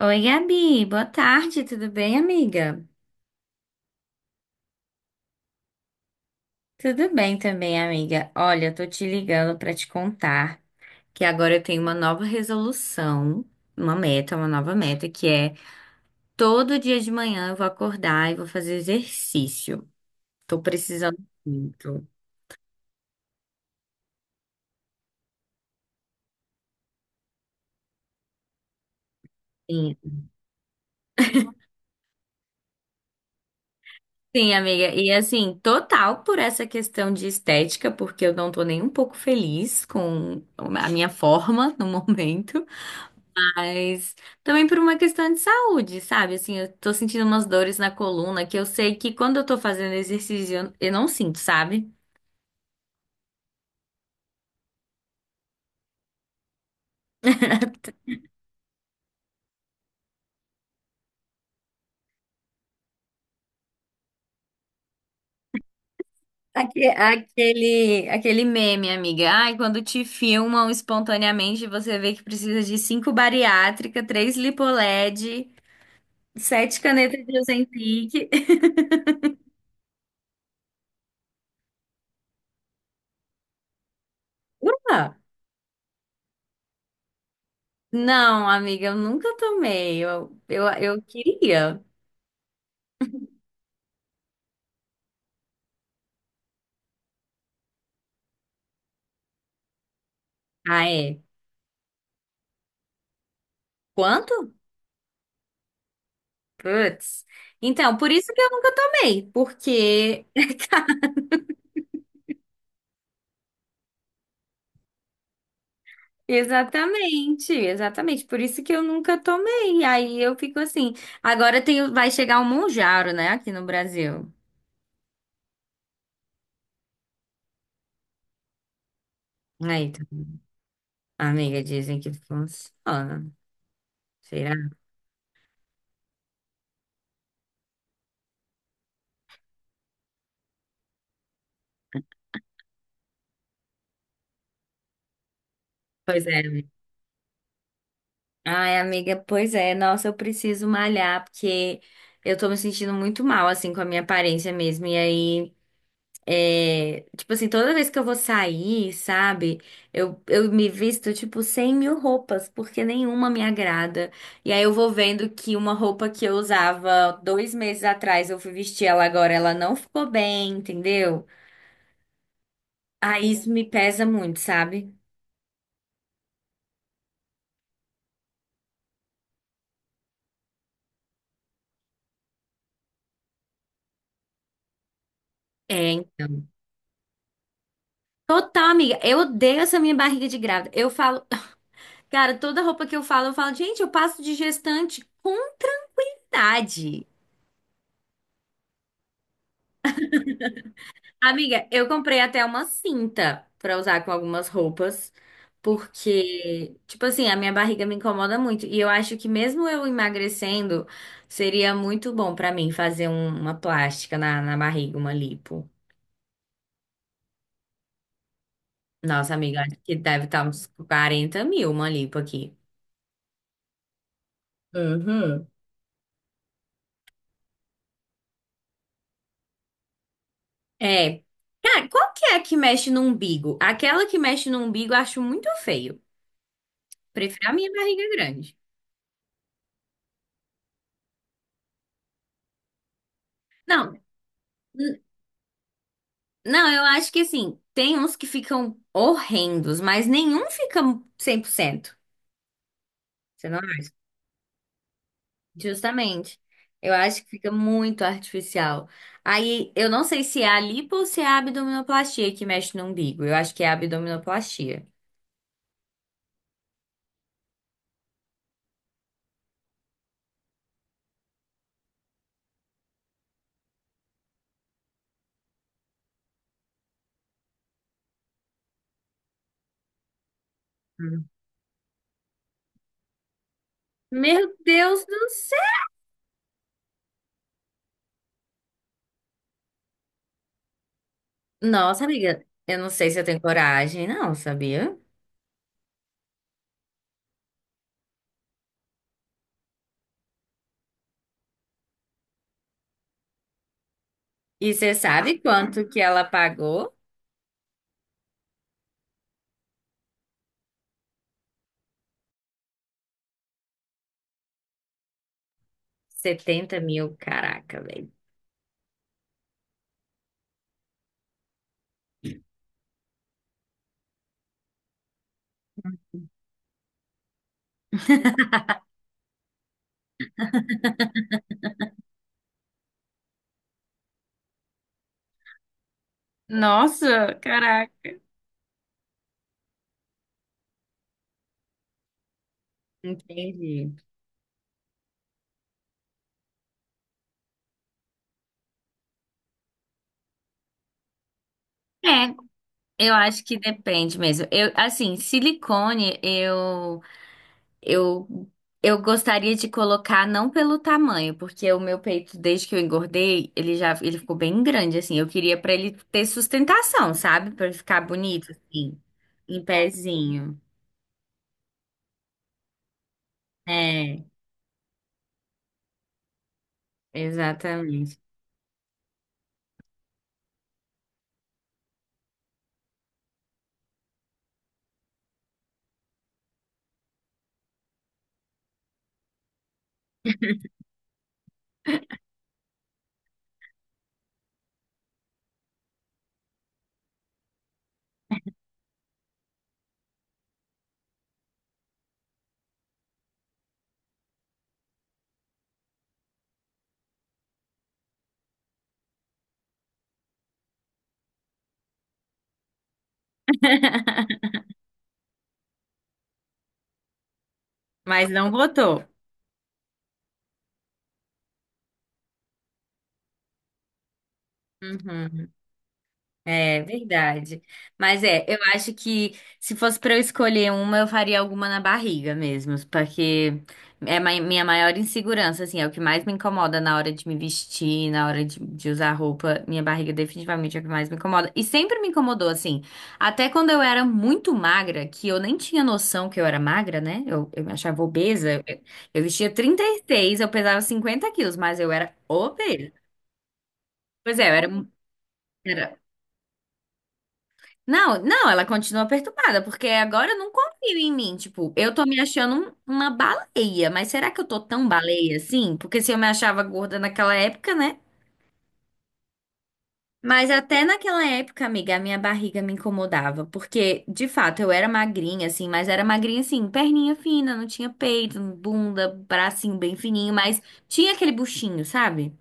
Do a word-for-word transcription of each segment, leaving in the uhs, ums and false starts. Oi, Gabi, boa tarde, tudo bem, amiga? Tudo bem também, amiga. Olha, eu tô te ligando pra te contar que agora eu tenho uma nova resolução, uma meta, uma nova meta, que é todo dia de manhã eu vou acordar e vou fazer exercício. Tô precisando muito. Sim, sim, amiga, e assim, total por essa questão de estética, porque eu não tô nem um pouco feliz com a minha forma no momento. Mas também por uma questão de saúde, sabe? Assim, eu tô sentindo umas dores na coluna que eu sei que quando eu tô fazendo exercício eu eu não sinto, sabe? Aque- Aquele, aquele meme, amiga. Ai, quando te filmam espontaneamente, você vê que precisa de cinco bariátrica, três lipoled, sete canetas de Ozempic. Ah, não, amiga, eu nunca tomei. Eu, eu, eu queria. Ah, é? Quanto? Putz. Então, por isso que eu nunca tomei, porque exatamente, exatamente, por isso que eu nunca tomei. Aí eu fico assim. Agora tem, o- vai chegar o Mounjaro, né, aqui no Brasil. Aí, tá. Amiga, dizem que funciona. Será? Pois é, amiga. Ai, amiga, pois é. Nossa, eu preciso malhar porque eu tô me sentindo muito mal assim com a minha aparência mesmo. E aí, é, tipo assim, toda vez que eu vou sair, sabe? Eu, eu me visto, tipo, cem mil roupas, porque nenhuma me agrada. E aí eu vou vendo que uma roupa que eu usava dois meses atrás, eu fui vestir ela agora, ela não ficou bem, entendeu? Aí isso me pesa muito, sabe? É, então. Total, amiga. Eu odeio essa minha barriga de grávida. Eu falo, cara, toda roupa que eu falo, eu falo, gente, eu passo de gestante com tranquilidade. Amiga, eu comprei até uma cinta pra usar com algumas roupas, porque, tipo assim, a minha barriga me incomoda muito. E eu acho que mesmo eu emagrecendo, seria muito bom pra mim fazer um- uma plástica na, na barriga, uma lipo. Nossa, amiga, acho que deve estar uns quarenta mil uma lipo aqui. Uhum. É. Cara, qual que é a que mexe no umbigo? Aquela que mexe no umbigo eu acho muito feio. Prefiro a minha barriga grande. Não. Não, eu acho que assim, tem uns que ficam horrendos, mas nenhum fica cem por cento. Você não acha? Justamente. Eu acho que fica muito artificial. Aí, eu não sei se é a lipo ou se é a abdominoplastia que mexe no umbigo. Eu acho que é a abdominoplastia. Hum. Meu Deus do céu! Nossa, amiga, eu não sei se eu tenho coragem, não, sabia? E você sabe quanto que ela pagou? Setenta mil, caraca, velho. Nossa, caraca. Entendi. É, eu acho que depende mesmo. Eu, assim, silicone, eu, eu, eu gostaria de colocar não pelo tamanho, porque o meu peito, desde que eu engordei, ele já, ele ficou bem grande, assim. Eu queria pra ele ter sustentação, sabe? Pra ele ficar bonito, assim, em pezinho. É, exatamente. Mas não botou. Uhum. É verdade. Mas é, eu acho que se fosse pra eu escolher uma, eu faria alguma na barriga mesmo, porque é mai- minha maior insegurança, assim, é o que mais me incomoda na hora de me vestir, na hora de, de usar roupa. Minha barriga definitivamente é o que mais me incomoda. E sempre me incomodou, assim, até quando eu era muito magra, que eu nem tinha noção que eu era magra, né? Eu, eu me achava obesa. Eu, eu vestia trinta e seis, eu pesava cinquenta quilos, mas eu era obesa. Pois é, eu era. Não, não, ela continua perturbada, porque agora eu não confio em mim. Tipo, eu tô me achando um- uma baleia, mas será que eu tô tão baleia assim? Porque se eu me achava gorda naquela época, né? Mas até naquela época, amiga, a minha barriga me incomodava, porque de fato eu era magrinha, assim, mas era magrinha assim, perninha fina, não tinha peito, bunda, bracinho bem fininho, mas tinha aquele buchinho, sabe?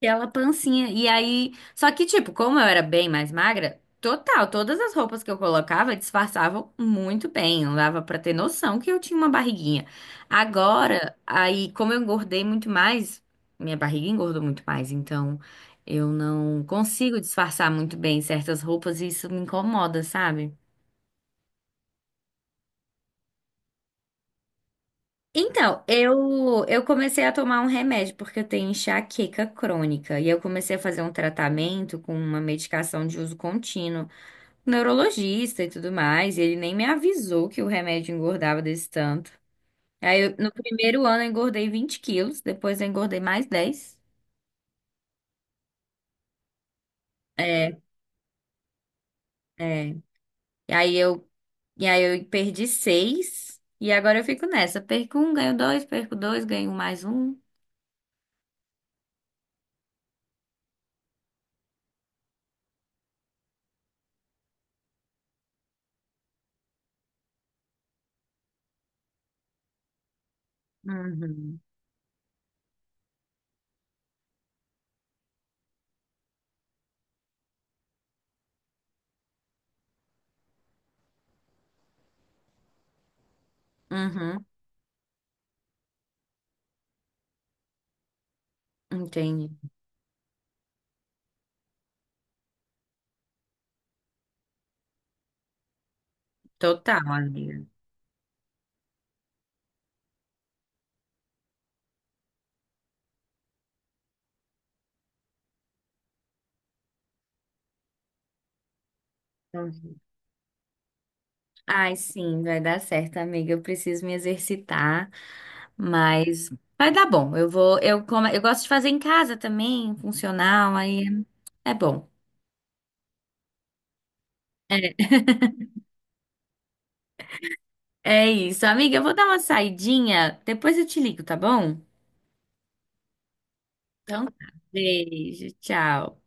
Aquela pancinha. E aí. Só que, tipo, como eu era bem mais magra, total, todas as roupas que eu colocava disfarçavam muito bem. Não dava pra ter noção que eu tinha uma barriguinha. Agora, aí, como eu engordei muito mais, minha barriga engordou muito mais. Então, eu, não consigo disfarçar muito bem certas roupas e isso me incomoda, sabe? Então, eu, eu comecei a tomar um remédio porque eu tenho enxaqueca crônica e eu comecei a fazer um tratamento com uma medicação de uso contínuo. Neurologista e tudo mais, e ele nem me avisou que o remédio engordava desse tanto. Aí, eu- no primeiro ano, eu engordei vinte quilos, depois eu engordei mais dez. É, é. E aí eu, e aí eu perdi seis e agora eu fico nessa. Perco um, ganho dois, perco dois, ganho mais um. Uhum. Uhum. Entendi. Total, amiga. Uhum. Ai, sim, vai dar certo, amiga. Eu preciso me exercitar. Mas vai dar bom. Eu vou, eu como, eu gosto de fazer em casa também, funcional, aí é bom. É, é isso, amiga. Eu vou dar uma saidinha, depois eu te ligo, tá bom? Então, tá. Beijo, tchau.